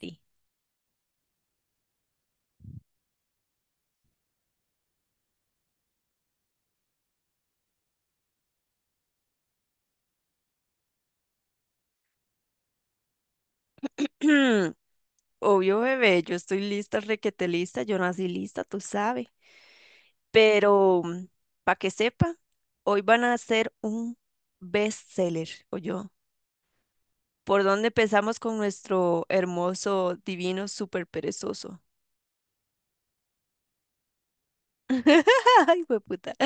Sí. Obvio, bebé, yo estoy lista, requete lista, yo nací lista, tú sabes. Pero, para que sepa, hoy van a hacer un bestseller, o yo. ¿Por dónde empezamos con nuestro hermoso, divino, súper perezoso? Ay, puta.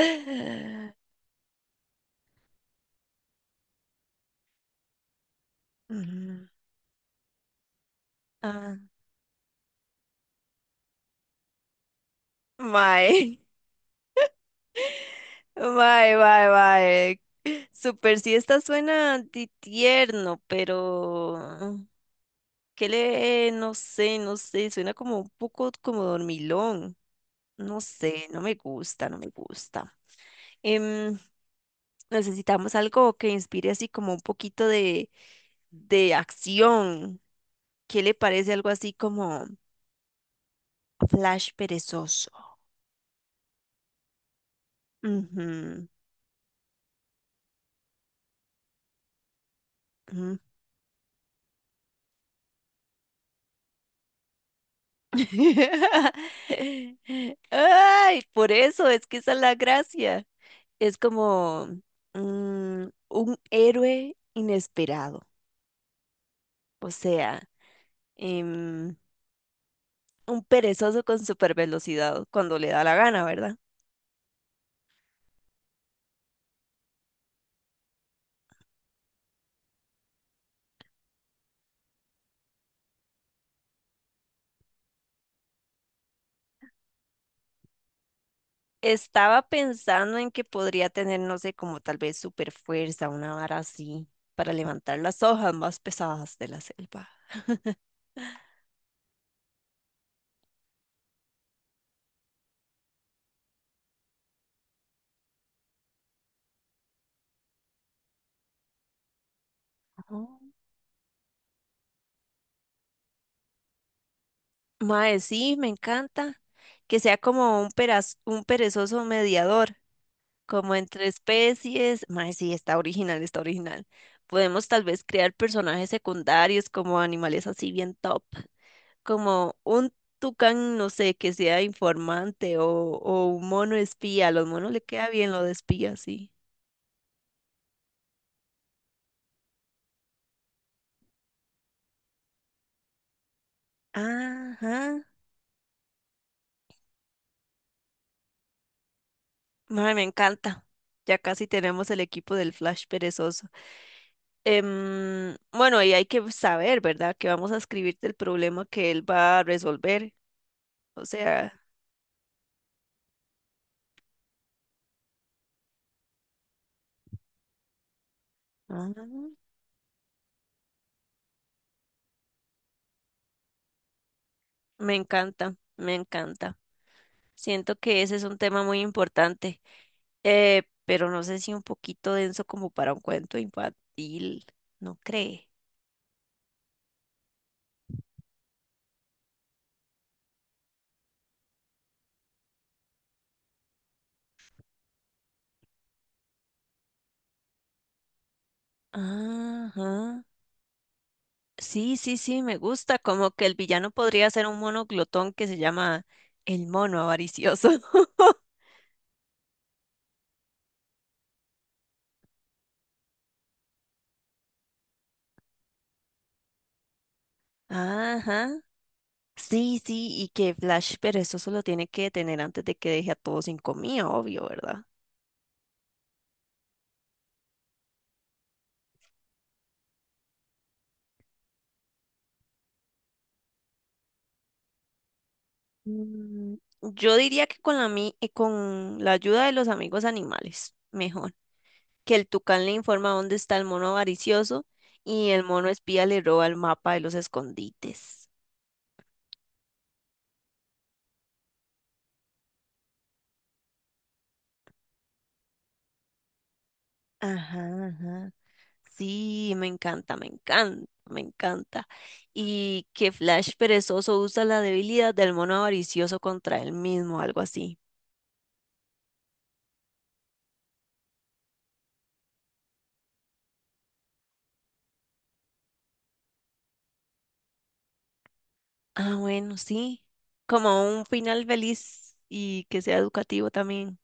Ujú. Ah, mae, mae, mae, mae. Super siesta suena tierno, pero que le, no sé, no sé, suena como un poco como dormilón. No sé, no me gusta, no me gusta. Em, Necesitamos algo que inspire así como un poquito de acción. ¿Qué le parece algo así como Flash perezoso? Ujú, ujú. Ay, por eso es que esa es la gracia. Es como un héroe inesperado. O sea, em, un perezoso con super velocidad cuando le da la gana, ¿verdad? Estaba pensando en que podría tener, no sé, como tal vez super fuerza, una vara así, para levantar las hojas más pesadas de la selva. Ujú. Mae, sí, me encanta. Que sea como un un perezoso mediador, como entre especies. Mae, sí, está original, está original. Podemos tal vez crear personajes secundarios como animales así bien top, como un tucán, no sé, que sea informante o un mono espía. A los monos le queda bien lo de espía, sí. Ajá. Mae, me encanta. Ya casi tenemos el equipo del Flash perezoso. Bueno, y hay que saber, ¿verdad?, que vamos a escribirte el problema que él va a resolver. O sea, ah, me encanta, me encanta. Siento que ese es un tema muy importante. Pero no sé si un poquito denso como para un cuento infantil, ¿no cree? Ajá. Sí, sí, sí, me gusta. Como que el villano podría ser un mono glotón que se llama el mono avaricioso. Ajá. Sí, sí, y que Flash, pero eso solo tiene que detener antes de que deje a todos sin comida, obvio, ¿verdad? Mm, yo diría que con con la ayuda de los amigos animales, mejor. Que el tucán le informa dónde está el mono avaricioso y el mono espía le roba el mapa de los escondites. Ajá, ajá. Sí, me encanta, me encanta, me encanta. Y que Flash perezoso usa la debilidad del mono avaricioso contra él mismo, algo así. Ah, bueno, sí. Como un final feliz y que sea educativo también.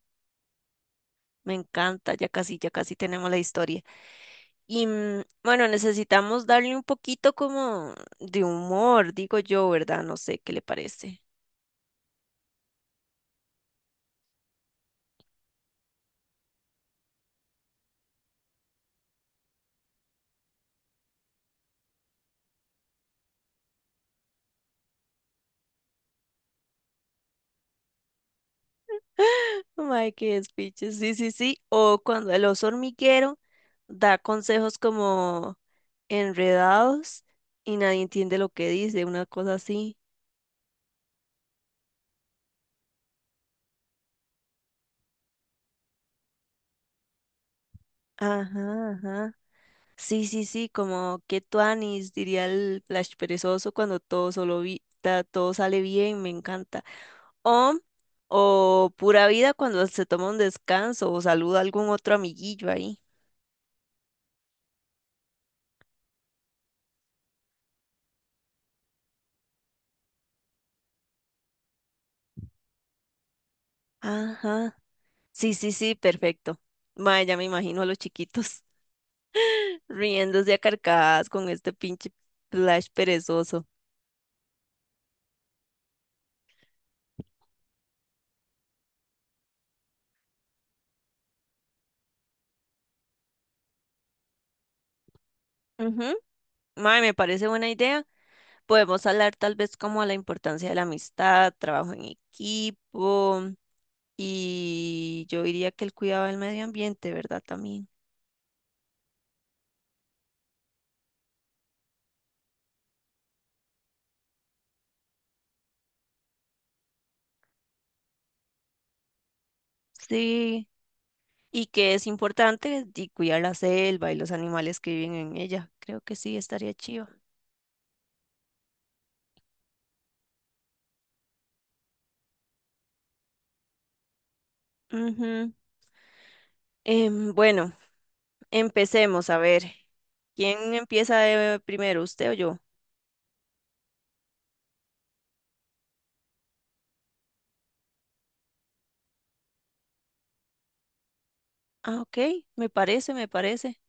Me encanta, ya casi tenemos la historia. Y mm, bueno, necesitamos darle un poquito como de humor, digo yo, ¿verdad? No sé qué le parece. Ay, qué despiche. Sí, sí, sí. O cuando el oso hormiguero da consejos como enredados y nadie entiende lo que dice, una cosa así. Ajá, ajá. Sí, sí, sí, como que tuanis, diría el Flash perezoso cuando todo solo todo sale bien, me encanta. O, o pura vida cuando se toma un descanso o saluda a algún otro amiguillo ahí. Ajá. Sí, sí, sí, perfecto. Mae, ya me imagino a los chiquitos riéndose a carcajadas con este pinche Flash perezoso. Ujú. Mae, me parece buena idea. Podemos hablar tal vez como a la importancia de la amistad, trabajo en equipo. Y yo diría que el cuidado del medio ambiente, ¿verdad?, también. Sí. Y que es importante y cuidar la selva y los animales que viven en ella. Creo que sí, estaría chido. Ujú. Bueno, empecemos a ver. ¿Quién empieza primero, usted o yo? Ah, ok, me parece, me parece.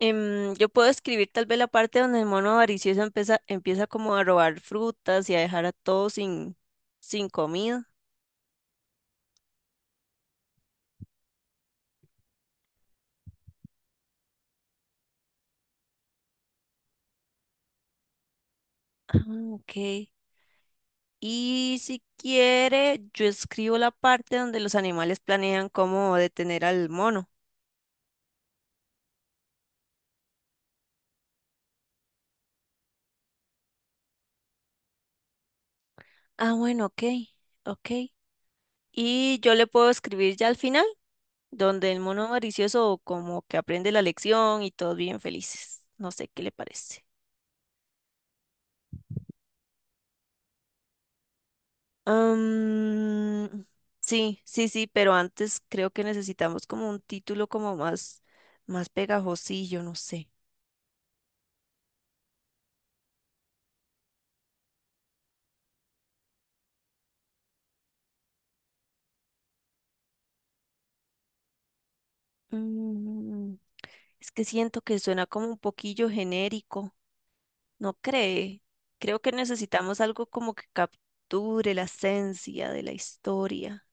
Yo puedo escribir tal vez la parte donde el mono avaricioso empieza como a robar frutas y a dejar a todos sin comida. Ah, ok. Y si quiere, yo escribo la parte donde los animales planean cómo detener al mono. Ah, bueno, ok, ok. Y yo le puedo escribir ya al final, donde el mono avaricioso como que aprende la lección y todos bien felices. No sé qué le parece. Am, sí, sí, sí, pero antes creo que necesitamos como un título como más, más pegajosillo, no sé. Mm, es que siento que suena como un poquillo genérico, ¿no cree? Creo que necesitamos algo como que capture la esencia de la historia.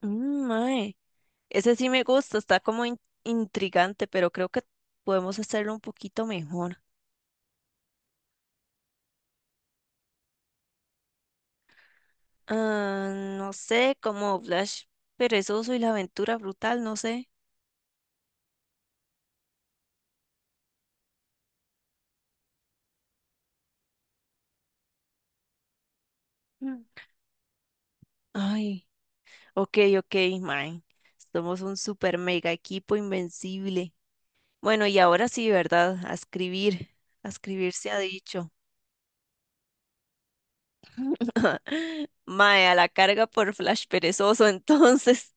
Mm, mae, ese sí me gusta, está como intrigante, pero creo que podemos hacerlo un poquito mejor. Ah, no sé, como Flash perezoso y la aventura brutal, no sé. Mm. Ay, ok, ok, man. Somos un super mega equipo invencible. Bueno, y ahora sí, ¿verdad?, a escribir. A escribir se ha dicho. Mae, a la carga por Flash perezoso, entonces.